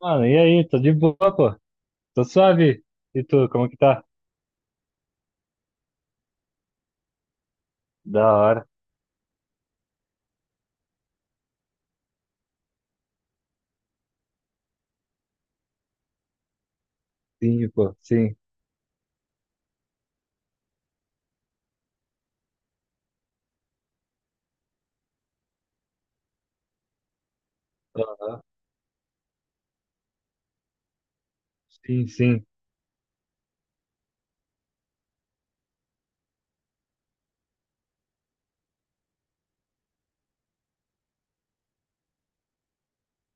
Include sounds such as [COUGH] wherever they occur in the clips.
Mano, e aí? Tô de boa, pô. Tô suave. E tu, como que tá? Da hora. Sim, pô. Sim. Ó, sim, sim.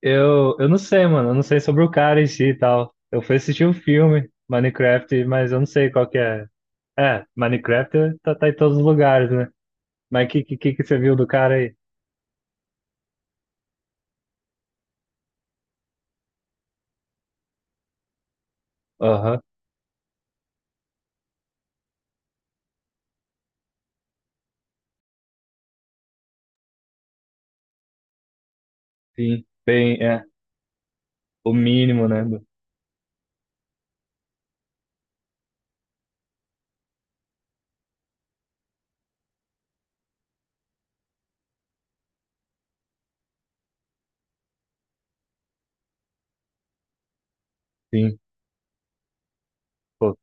Eu não sei, mano. Eu não sei sobre o cara em si e tal. Eu fui assistir um filme, Minecraft, mas eu não sei qual que é. É, Minecraft tá em todos os lugares, né? Mas que você viu do cara aí? Aham, sim. Bem, é. O mínimo, né? Sim, pô.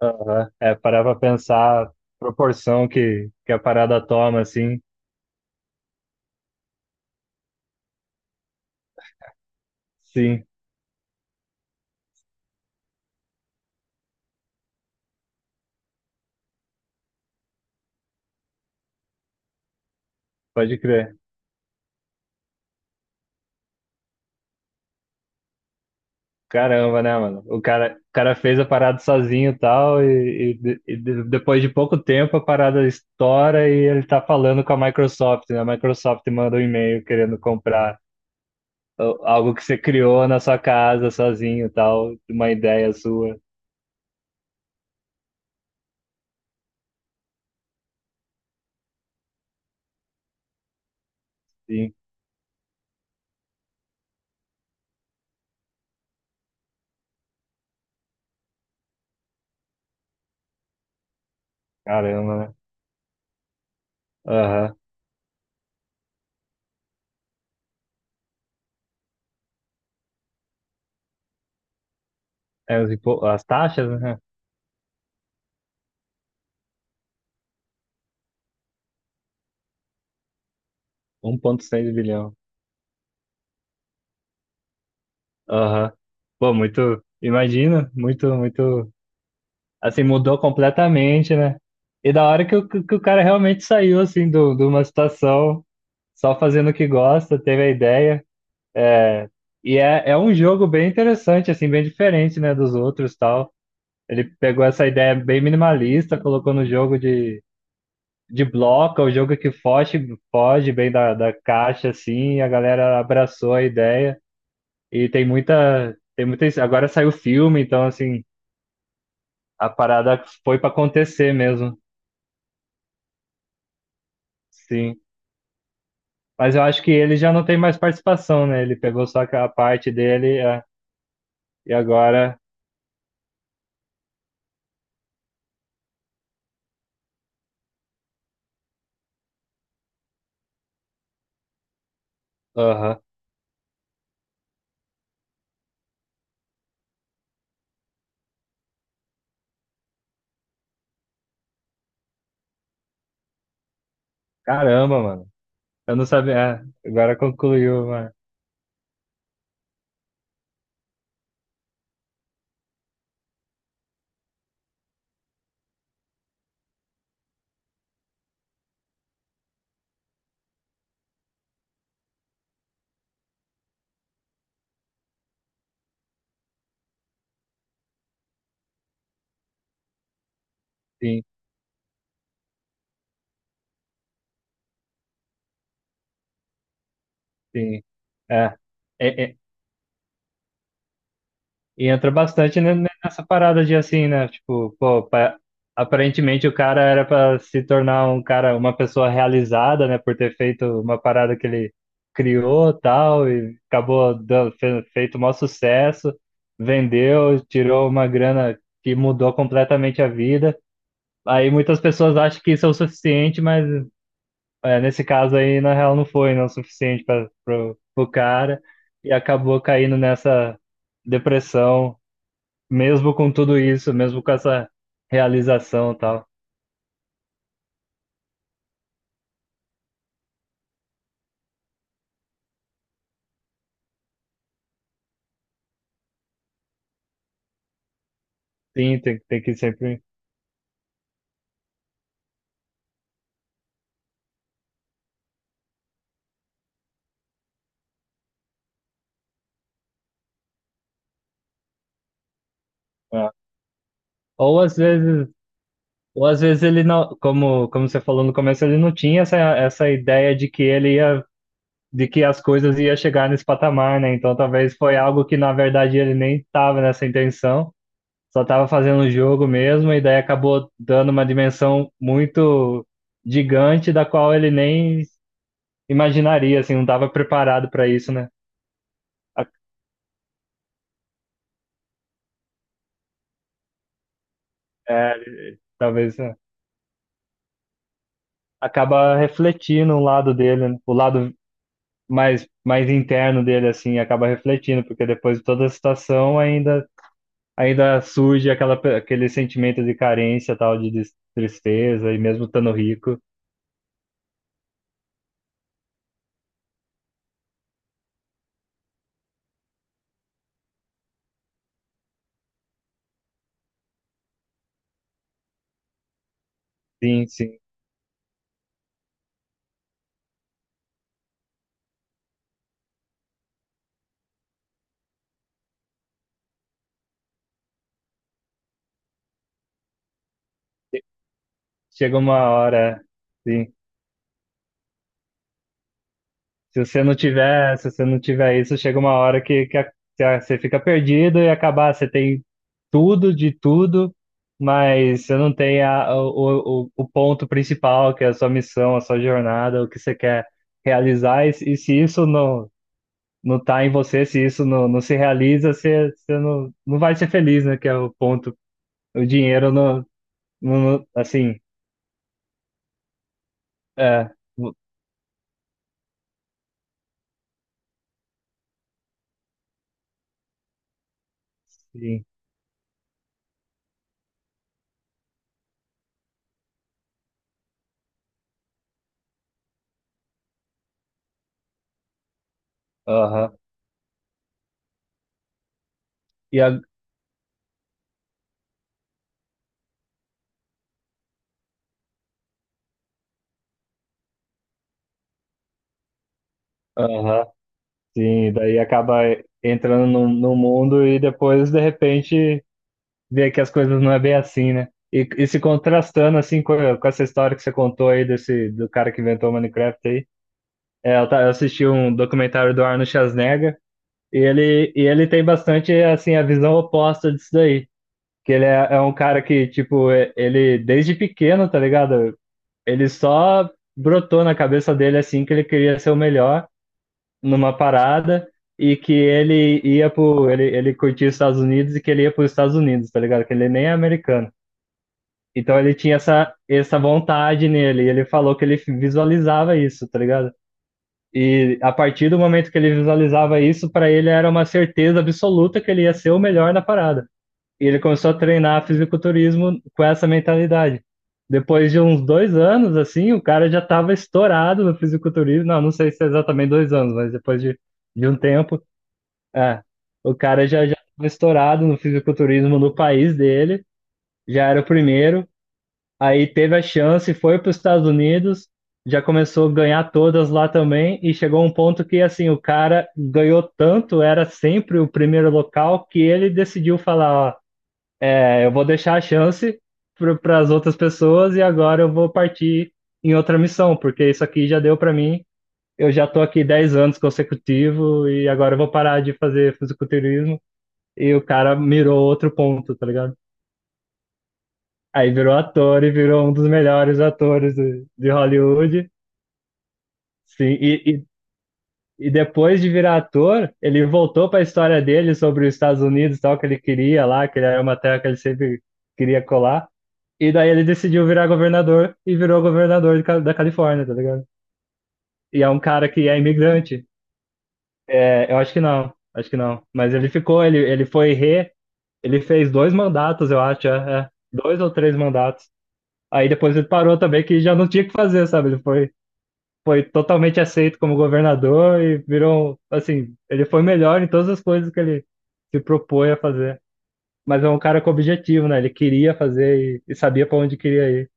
Aham. É, parar pra pensar a proporção que a parada toma, assim. Sim, pode crer. Caramba, né, mano? O cara fez a parada sozinho e tal, e depois de pouco tempo a parada estoura e ele tá falando com a Microsoft, né? A Microsoft manda um e-mail querendo comprar algo que você criou na sua casa sozinho e tal, uma ideia sua. Sim, caramba, né? Aham. É, as taxas, né? Um 1,6 bilhão. Aham. Pô, muito. Imagina, muito, muito. Assim, mudou completamente, né? E da hora que o cara realmente saiu, assim, de uma situação, só fazendo o que gosta, teve a ideia. É, e é um jogo bem interessante, assim, bem diferente, né, dos outros e tal. Ele pegou essa ideia bem minimalista, colocou no jogo de bloco, é o jogo que foge, foge bem da caixa, assim, e a galera abraçou a ideia. E tem muita, tem muita. Agora saiu o filme, então, assim, a parada foi pra acontecer mesmo. Sim. Mas eu acho que ele já não tem mais participação, né? Ele pegou só a parte dele é, e agora. Aham. Caramba, mano. Eu não sabia. É, agora concluiu, mano. Sim, sim. É. É, é, e entra bastante nessa parada de assim, né? Tipo, pô, aparentemente o cara era para se tornar uma pessoa realizada, né? Por ter feito uma parada que ele criou, tal, e acabou feito o maior sucesso, vendeu, tirou uma grana que mudou completamente a vida. Aí muitas pessoas acham que isso é o suficiente, mas é, nesse caso aí, na real, não foi, não é o suficiente para o cara e acabou caindo nessa depressão mesmo com tudo isso, mesmo com essa realização e tal. Sim, tem que sempre. É. Ou às vezes, ou às vezes, ele não, como você falou no começo, ele não tinha essa ideia de que as coisas ia chegar nesse patamar, né? Então talvez foi algo que na verdade ele nem estava nessa intenção, só estava fazendo o jogo mesmo, e daí acabou dando uma dimensão muito gigante da qual ele nem imaginaria, assim, não estava preparado para isso, né? A- É, talvez. Acaba refletindo um lado dele, né? O lado mais, mais interno dele, assim, acaba refletindo, porque depois de toda a situação ainda surge aquele sentimento de carência, tal, tristeza, e mesmo estando rico, sim, sim. Chega uma hora, sim. Se você não tiver isso, chega uma hora que você fica perdido e acabar, você tem tudo de tudo, mas você não tem o ponto principal, que é a sua missão, a sua jornada, o que você quer realizar, e se isso não tá em você, se isso não se realiza, você não vai ser feliz, né? Que é o ponto. O dinheiro não assim, é, sim, aham. E a, aham. Sim, daí acaba entrando no mundo e depois, de repente, vê que as coisas não é bem assim, né? E se contrastando, assim, com essa história que você contou aí, do cara que inventou o Minecraft aí, é, eu assisti um documentário do Arnold Schwarzenegger e ele tem bastante, assim, a visão oposta disso daí. Que ele é um cara que, tipo, ele, desde pequeno, tá ligado? Ele só brotou na cabeça dele, assim, que ele queria ser o melhor numa parada e que ele ia pro. Ele curtia os Estados Unidos e que ele ia para os Estados Unidos, tá ligado? Que ele nem é americano. Então ele tinha essa vontade nele, e ele falou que ele visualizava isso, tá ligado? E a partir do momento que ele visualizava isso, para ele era uma certeza absoluta que ele ia ser o melhor na parada. E ele começou a treinar fisiculturismo com essa mentalidade. Depois de uns 2 anos, assim, o cara já estava estourado no fisiculturismo. Não sei se é exatamente 2 anos, mas depois de um tempo, é, o cara já já estava estourado no fisiculturismo no país dele, já era o primeiro, aí teve a chance, foi para os Estados Unidos, já começou a ganhar todas lá também, e chegou um ponto que assim, o cara ganhou tanto, era sempre o primeiro local, que ele decidiu falar, ó, é, eu vou deixar a chance para as outras pessoas e agora eu vou partir em outra missão, porque isso aqui já deu para mim, eu já tô aqui 10 anos consecutivo e agora eu vou parar de fazer fisiculturismo e o cara mirou outro ponto, tá ligado? Aí virou ator e virou um dos melhores atores de Hollywood. Sim, e depois de virar ator, ele voltou para a história dele sobre os Estados Unidos, e tal, que ele queria lá, que era uma terra que ele sempre queria colar. E daí ele decidiu virar governador e virou governador da Califórnia, tá ligado? E é um cara que é imigrante. É, eu acho que não, acho que não. Mas ele ficou, ele foi re, ele fez dois mandatos, eu acho, é, é. Dois ou três mandatos. Aí depois ele parou também, que já não tinha o que fazer, sabe? Ele foi totalmente aceito como governador e virou, assim, ele foi melhor em todas as coisas que ele se propõe a fazer. Mas é um cara com objetivo, né? Ele queria fazer e sabia para onde queria ir.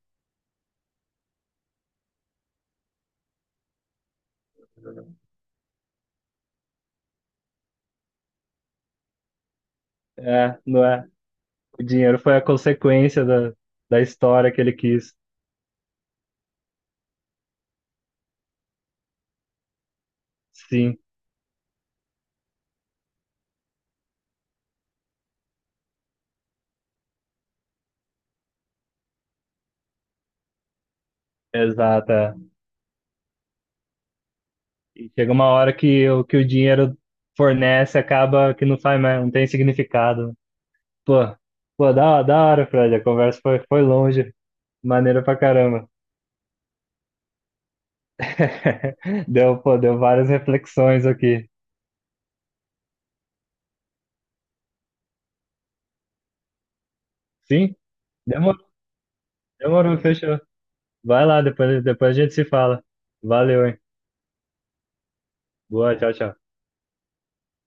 É, não é? O dinheiro foi a consequência da história que ele quis. Sim, exato. É. E chega uma hora que o dinheiro fornece acaba que não faz mais, não tem significado. Pô, pô, da hora, Fred. A conversa foi longe. Maneira pra caramba. [LAUGHS] Deu várias reflexões aqui. Sim? Demorou, demorou, fechou. Vai lá, depois, depois a gente se fala. Valeu, hein? Boa, tchau, tchau.